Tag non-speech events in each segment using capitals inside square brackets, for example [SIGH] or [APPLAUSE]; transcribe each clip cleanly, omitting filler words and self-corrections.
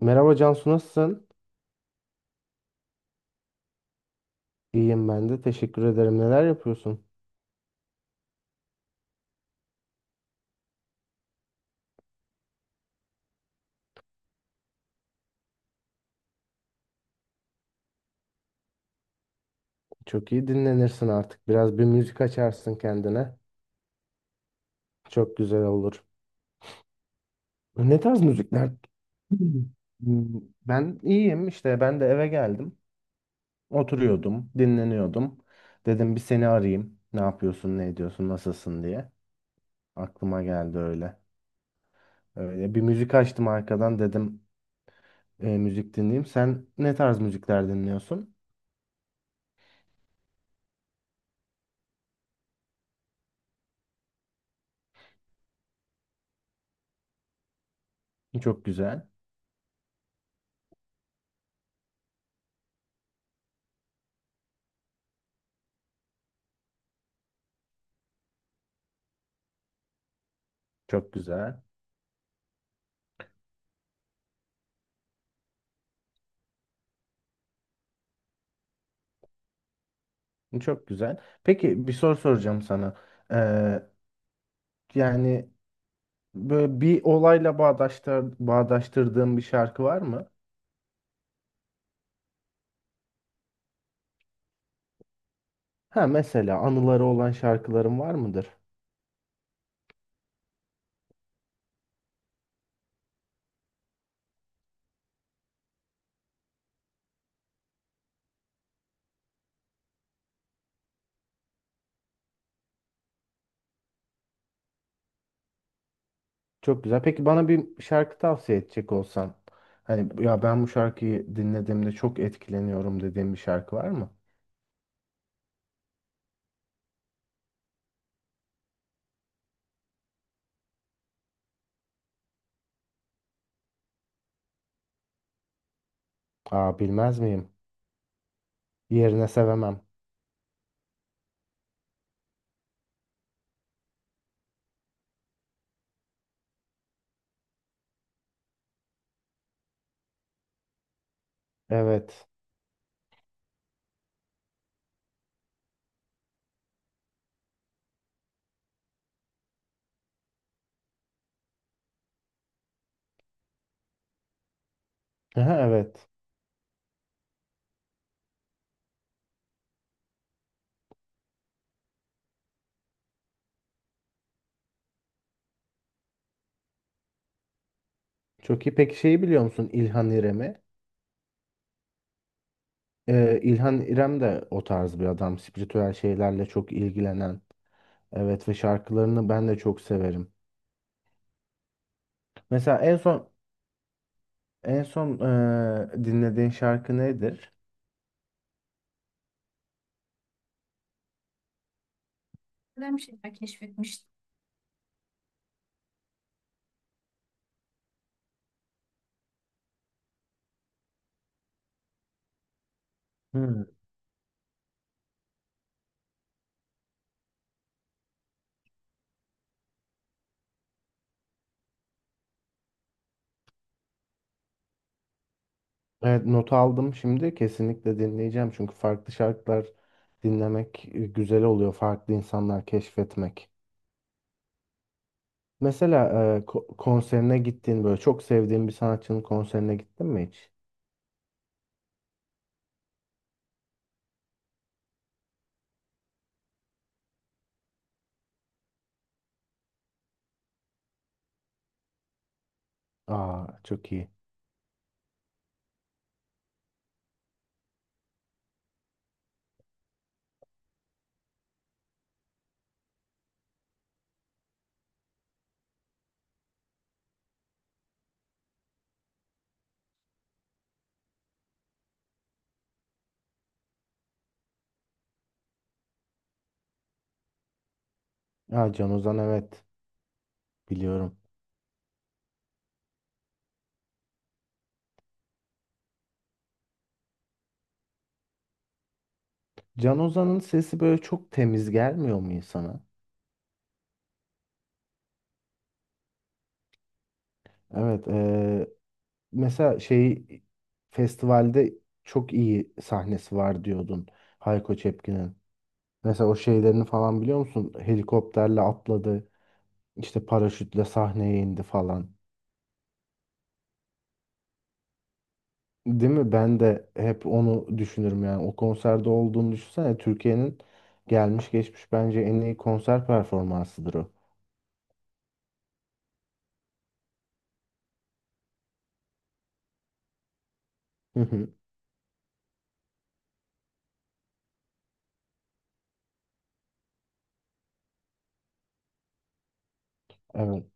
Merhaba Cansu, nasılsın? İyiyim ben de. Teşekkür ederim. Neler yapıyorsun? Çok iyi, dinlenirsin artık. Biraz bir müzik açarsın kendine. Çok güzel olur. Ne tarz müzikler? [CLEARS THROAT] Hmm, ben iyiyim işte. Ben de eve geldim. Oturuyordum, dinleniyordum. Dedim bir seni arayayım. Ne yapıyorsun, ne ediyorsun, nasılsın diye. Aklıma geldi öyle. Öyle bir müzik açtım arkadan, dedim müzik dinleyeyim. Sen ne tarz müzikler dinliyorsun? Çok güzel. Çok güzel. Çok güzel. Peki bir soru soracağım sana. Ee, yani böyle bir olayla bağdaştırdığın bir şarkı var mı? Ha mesela anıları olan şarkıların var mıdır? Çok güzel. Peki bana bir şarkı tavsiye edecek olsan, hani ya ben bu şarkıyı dinlediğimde çok etkileniyorum dediğin bir şarkı var mı? Aa, bilmez miyim? Yerine sevemem. Evet. Aha, evet. Çok iyi. Peki şeyi biliyor musun, İlhan İrem'i? İlhan İrem de o tarz bir adam. Spiritüel şeylerle çok ilgilenen. Evet ve şarkılarını ben de çok severim. Mesela en son en son dinlediğin şarkı nedir? Hmm. Evet, not aldım şimdi. Kesinlikle dinleyeceğim. Çünkü farklı şarkılar dinlemek güzel oluyor. Farklı insanlar keşfetmek. Mesela konserine gittiğin böyle çok sevdiğin bir sanatçının konserine gittin mi hiç? Aa, çok iyi. Aa, Can Ozan, evet, biliyorum. Can Ozan'ın sesi böyle çok temiz gelmiyor mu insana? Evet. Mesela şey, festivalde çok iyi sahnesi var diyordun Hayko Cepkin'in. Mesela o şeylerini falan biliyor musun? Helikopterle atladı, işte paraşütle sahneye indi falan. Değil mi? Ben de hep onu düşünürüm yani. O konserde olduğunu düşünsene. Türkiye'nin gelmiş geçmiş bence en iyi konser performansıdır o. Hı hı. Evet.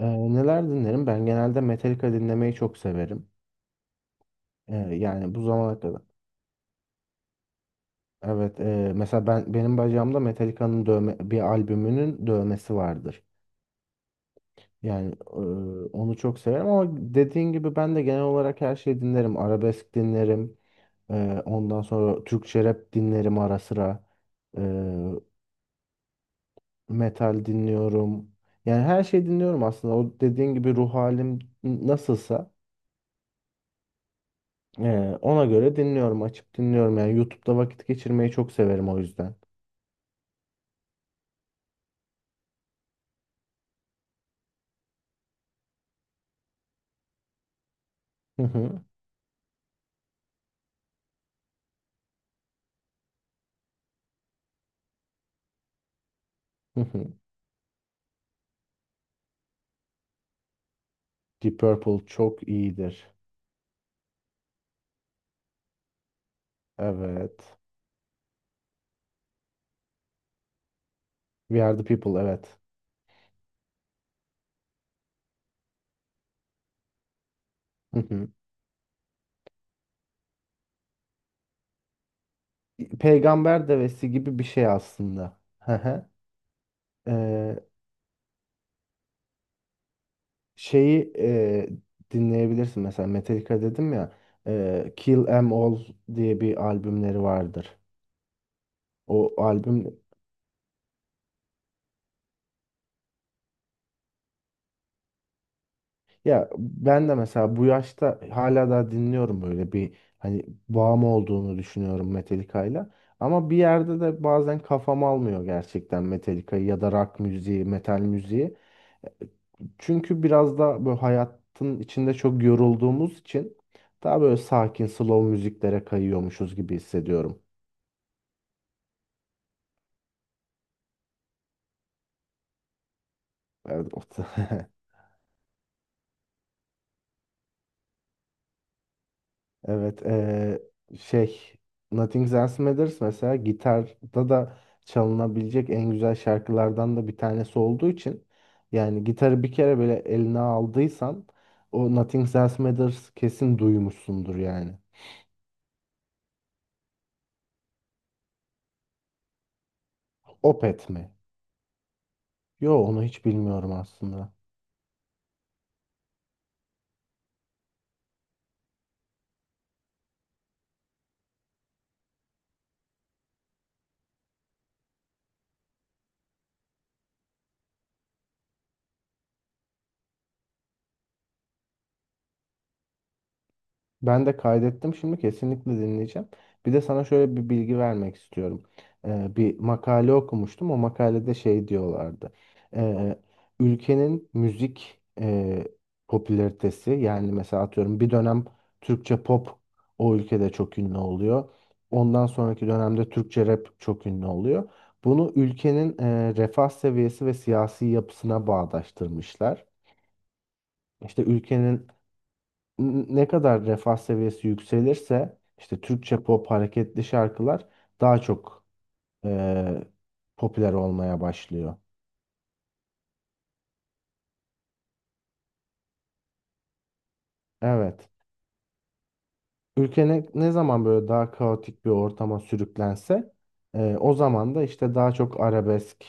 Neler dinlerim? Ben genelde Metallica dinlemeyi çok severim. Yani bu zamana kadar. Evet, mesela ben benim bacağımda Metallica'nın bir albümünün dövmesi vardır. Yani onu çok severim ama dediğin gibi ben de genel olarak her şeyi dinlerim. Arabesk dinlerim. Ondan sonra Türkçe rap dinlerim ara sıra. E, Metal dinliyorum. Yani her şeyi dinliyorum aslında. O dediğin gibi ruh halim nasılsa, ona göre dinliyorum, açıp dinliyorum. Yani YouTube'da vakit geçirmeyi çok severim o yüzden. Hı hı. Hı hı. Deep Purple çok iyidir. Evet. We Are The People, evet. Hı hı. Peygamber Devesi gibi bir şey aslında. Hı hı. Ee, şeyi dinleyebilirsin mesela, Metallica dedim ya, Kill 'Em All diye bir albümleri vardır. O albüm, ya ben de mesela bu yaşta hala daha dinliyorum, böyle bir hani bağım olduğunu düşünüyorum Metallica'yla. Ama bir yerde de bazen kafam almıyor gerçekten Metallica'yı ya da rock müziği, metal müziği. Çünkü biraz da böyle hayatın içinde çok yorulduğumuz için daha böyle sakin, slow müziklere kayıyormuşuz gibi hissediyorum. Evet. [LAUGHS] Evet, şey Nothing Else Matters mesela gitarda da çalınabilecek en güzel şarkılardan da bir tanesi olduğu için, yani gitarı bir kere böyle eline aldıysan o Nothing Else Matters kesin duymuşsundur yani. Opeth mi? Yo, onu hiç bilmiyorum aslında. Ben de kaydettim. Şimdi kesinlikle dinleyeceğim. Bir de sana şöyle bir bilgi vermek istiyorum. Bir makale okumuştum. O makalede şey diyorlardı. Ee, Ülkenin müzik popülaritesi, yani mesela atıyorum bir dönem Türkçe pop o ülkede çok ünlü oluyor. Ondan sonraki dönemde Türkçe rap çok ünlü oluyor. Bunu ülkenin refah seviyesi ve siyasi yapısına bağdaştırmışlar. İşte ülkenin ne kadar refah seviyesi yükselirse işte Türkçe pop hareketli şarkılar daha çok e, popüler olmaya başlıyor. Evet. Ülke ne zaman böyle daha kaotik bir ortama sürüklense, o zaman da işte daha çok arabesk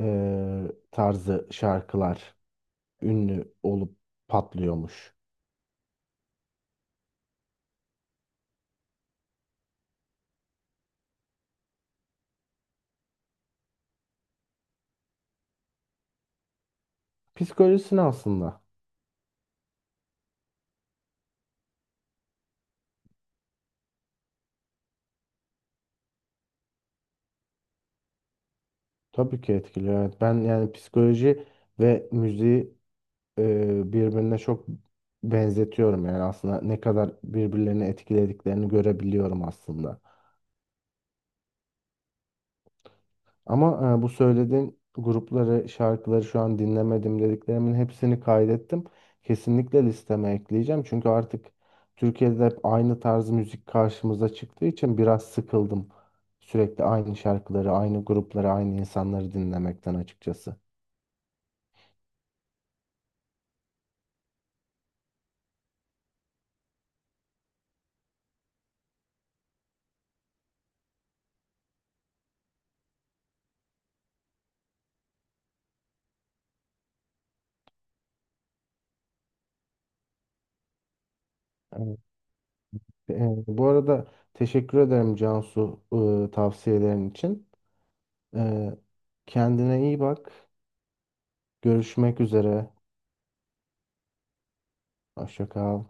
e, tarzı şarkılar ünlü olup patlıyormuş. Psikolojisini aslında tabii ki etkiliyor. Evet, ben yani psikoloji ve müziği birbirine çok benzetiyorum, yani aslında ne kadar birbirlerini etkilediklerini görebiliyorum aslında. Ama bu söylediğin grupları, şarkıları şu an dinlemedim dediklerimin hepsini kaydettim. Kesinlikle listeme ekleyeceğim çünkü artık Türkiye'de hep aynı tarz müzik karşımıza çıktığı için biraz sıkıldım. Sürekli aynı şarkıları, aynı grupları, aynı insanları dinlemekten açıkçası. Evet. Bu arada teşekkür ederim Cansu, tavsiyelerin için. Ee, Kendine iyi bak. Görüşmek üzere. Hoşça kal.